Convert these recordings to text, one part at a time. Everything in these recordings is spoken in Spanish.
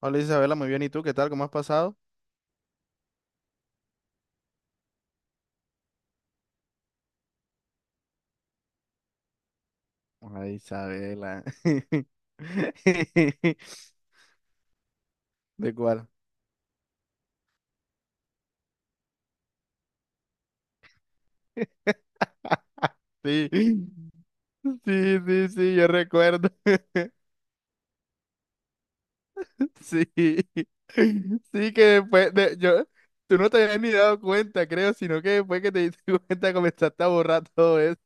Hola Isabela, muy bien. ¿Y tú qué tal? ¿Cómo has pasado? Ay, Isabela. ¿De cuál? Sí, sí, sí, sí, yo recuerdo. Sí, sí, que después de, yo, tú no te habías ni dado cuenta, creo, sino que después que te diste cuenta comenzaste a borrar todo eso.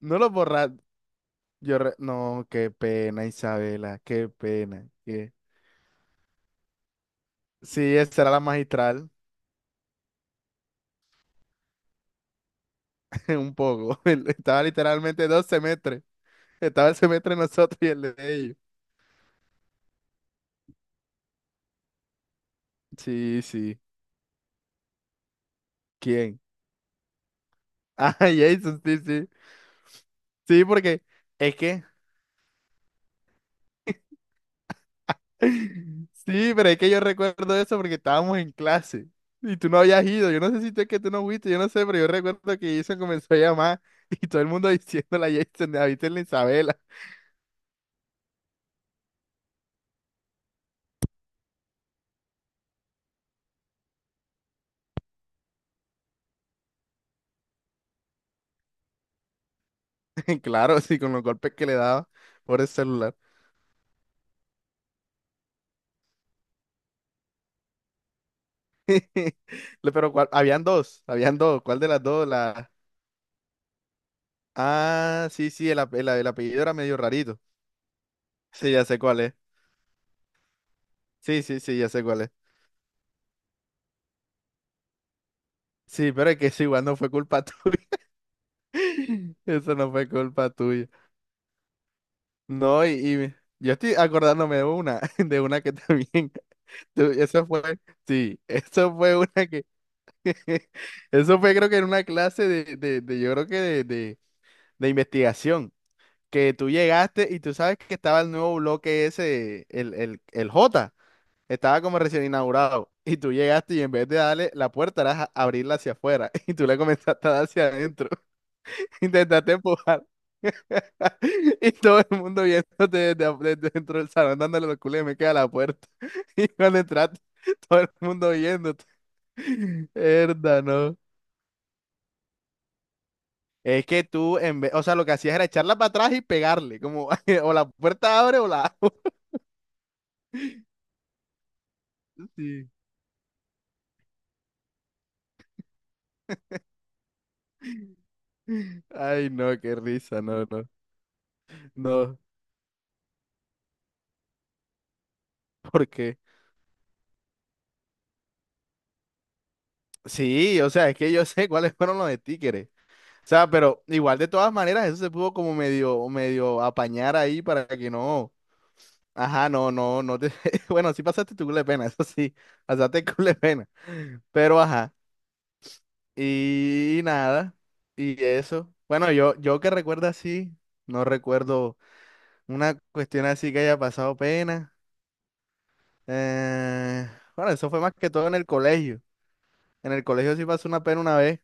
No lo borraste. Yo, no, qué pena, Isabela, qué pena. Sí, esa era la magistral. Un poco. Estaba literalmente dos semestres. Estaba el semestre de nosotros y el de ellos. Sí, sí. ¿Quién? Ah, Jason, sí, sí. Sí, porque es que... Sí, pero es que yo recuerdo eso porque estábamos en clase y tú no habías ido. Yo no sé si tú es que tú no fuiste, yo no sé, pero yo recuerdo que Jason comenzó a llamar y todo el mundo diciéndole a Jason, ¿has visto en la Isabela? Claro, sí, con los golpes que le daba por el celular. Pero ¿cuál? Habían dos, habían dos. ¿Cuál de las dos? Ah, sí, sí, el apellido era medio rarito. Sí, ya sé cuál es. Sí, sí, sí, ya sé cuál es. Sí, pero es que eso igual no fue culpa tuya. Eso no fue culpa tuya. No, yo estoy acordándome de una, de una que también. Eso fue, sí, eso fue una que. Eso fue, creo que en una clase yo creo que de investigación. Que tú llegaste y tú sabes que estaba el nuevo bloque ese, el J. Estaba como recién inaugurado y tú llegaste y en vez de darle la puerta, era abrirla hacia afuera y tú le comenzaste a dar hacia adentro. Intentaste empujar y todo el mundo viéndote desde dentro del salón dándole los culos y me queda la puerta. Y cuando entraste, todo el mundo viéndote. Herda, no. Es que tú, en vez, o sea, lo que hacías era echarla para atrás y pegarle, como o la puerta abre o la... Sí. Ay, no, qué risa, no, no, no, ¿por qué? Sí, o sea, es que yo sé cuáles fueron los de títeres. O sea, pero igual de todas maneras, eso se pudo como medio, medio apañar ahí para que no. Ajá, no, no, no te. Bueno, sí pasaste tu culo de pena, eso sí, pasaste culo de pena. Pero ajá, y, nada, y eso. Bueno, yo que recuerdo así, no recuerdo una cuestión así que haya pasado pena. Eh, bueno, eso fue más que todo en el colegio. En el colegio sí pasó una pena una vez,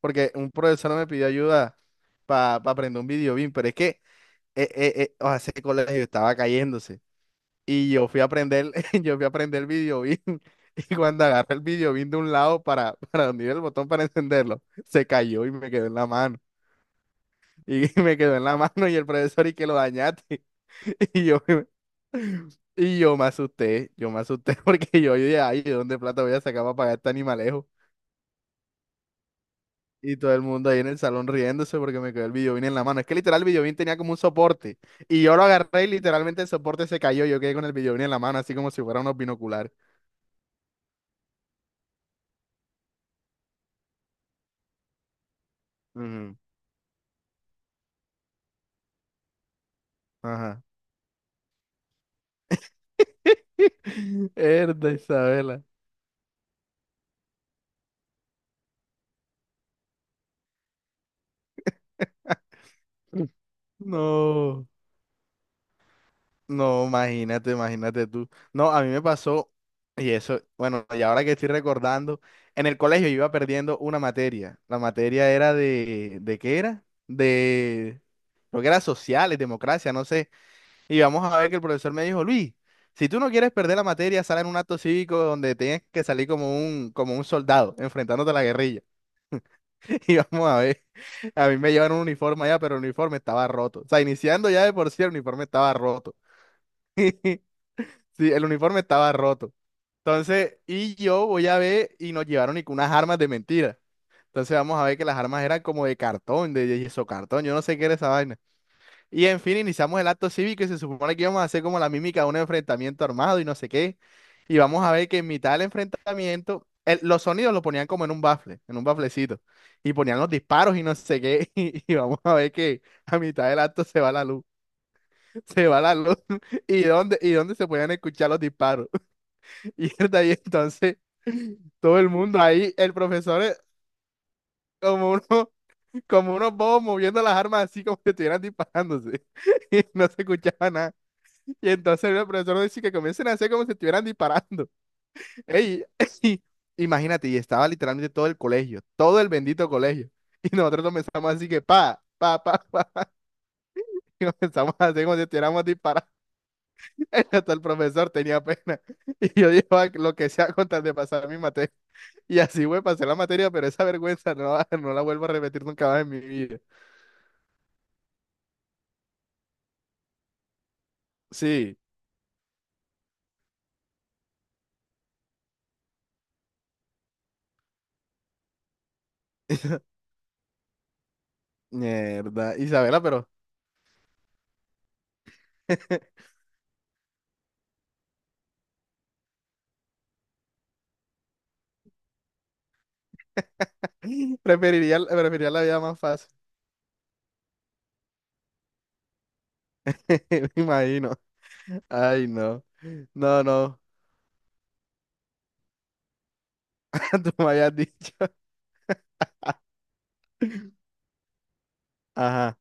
porque un profesor me pidió ayuda para aprender un video BIM, pero es que o sea, ese colegio estaba cayéndose y yo fui a aprender, yo fui a aprender el video BIM y cuando agarré el video BIM de un lado para, para donde iba el botón para encenderlo, se cayó y me quedó en la mano. Y me quedó en la mano y el profesor y que lo dañaste. Y yo, y yo me asusté porque yo dije, ay, ¿de dónde plata voy a sacar para pagar este animalejo? Y todo el mundo ahí en el salón riéndose porque me quedó el videobeam en la mano. Es que literal el videobeam tenía como un soporte. Y yo lo agarré y literalmente el soporte se cayó. Yo quedé con el videobeam en la mano, así como si fuera unos binoculares. Ujú. Ajá. Herda Isabela. No. No, imagínate, imagínate tú. No, a mí me pasó, y eso, bueno, y ahora que estoy recordando, en el colegio yo iba perdiendo una materia. La materia era ¿de qué era? Creo que era sociales, democracia, no sé. Y vamos a ver que el profesor me dijo, Luis, si tú no quieres perder la materia, sal en un acto cívico donde tienes que salir como un soldado, enfrentándote a la guerrilla. Y vamos a ver. A mí me llevan un uniforme allá, pero el uniforme estaba roto. O sea, iniciando ya de por sí, el uniforme estaba roto. Sí, el uniforme estaba roto. Entonces, y yo voy a ver, y nos llevaron y con unas armas de mentira. Entonces vamos a ver que las armas eran como de cartón, de yeso cartón, yo no sé qué era esa vaina. Y en fin, iniciamos el acto cívico y se supone que íbamos a hacer como la mímica de un enfrentamiento armado y no sé qué. Y vamos a ver que en mitad del enfrentamiento, los sonidos lo ponían como en un bafle, en un baflecito. Y ponían los disparos y no sé qué. Y vamos a ver que a mitad del acto se va la luz. Se va la luz. ¿Y dónde se podían escuchar los disparos? Y ahí entonces, todo el mundo ahí, el profesor como uno, como unos bobos moviendo las armas así como que estuvieran disparándose. Y no se escuchaba nada. Y entonces el profesor dice que comiencen a hacer como si estuvieran disparando. Ey, y imagínate, y estaba literalmente todo el colegio, todo el bendito colegio. Y nosotros comenzamos así que pa, pa, pa, pa. Y comenzamos a hacer como si estuviéramos disparando. Hasta el profesor tenía pena. Y yo digo: "Ah, lo que sea con tal de pasar mi materia". Y así, güey, pasé la materia, pero esa vergüenza no, no la vuelvo a repetir nunca más en mi vida. Sí. Mierda. Isabela, pero preferiría la vida más fácil. Me imagino. Ay, no. No, no. Tú me habías dicho. Ajá,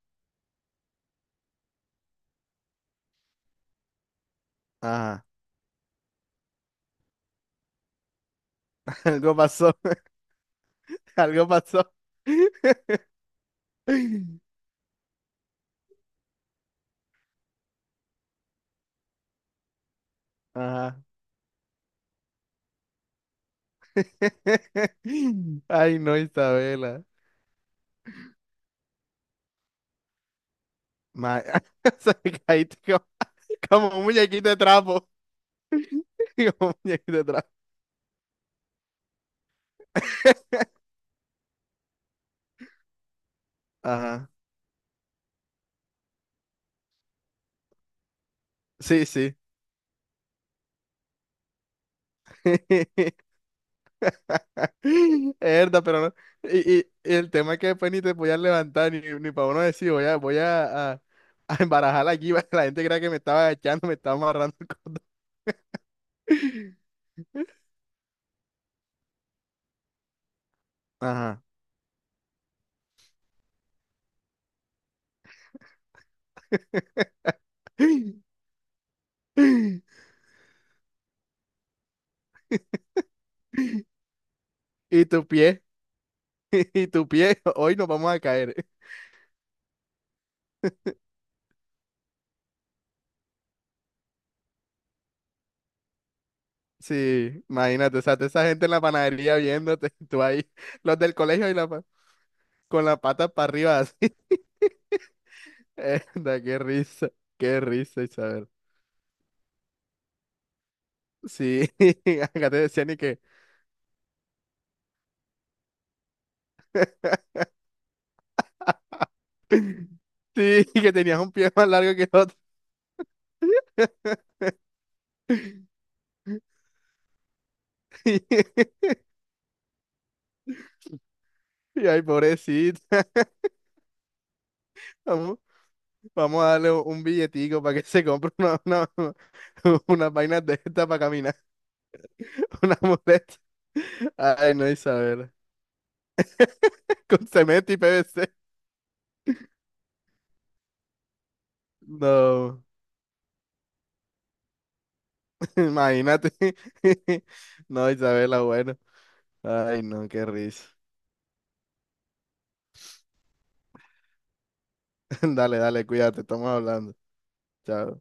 ajá. Algo pasó, algo pasó. Ajá. Ay, no, Isabela. Ma- Se me caíste como, como un muñequito de trapo. Como un muñequito de trapo. Ajá. Sí, sí. Es verdad, pero no. Y el tema es que después ni te voy a levantar, ni, ni para uno decir, a embarajarla aquí, para que la gente crea que me estaba echando, me estaba amarrando. Ajá. Y tu pie, y tu pie, hoy nos vamos a caer. Sí, imagínate, o sea, toda esa gente en la panadería viéndote, tú ahí, los del colegio con las patas para arriba así. Da, qué risa, Isabel. Sí, acá te decían y que, sí, que tenías un pie más largo que el otro. Y, y ay, pobrecita, vamos, vamos a darle un billetico para que se compre unas vainas de esta para caminar. Una muleta. Ay, no, Isabela. Con cemento y PVC. No, imagínate. No, Isabela, bueno. Ay, no, qué risa. Dale, dale, cuídate, estamos hablando. Chao.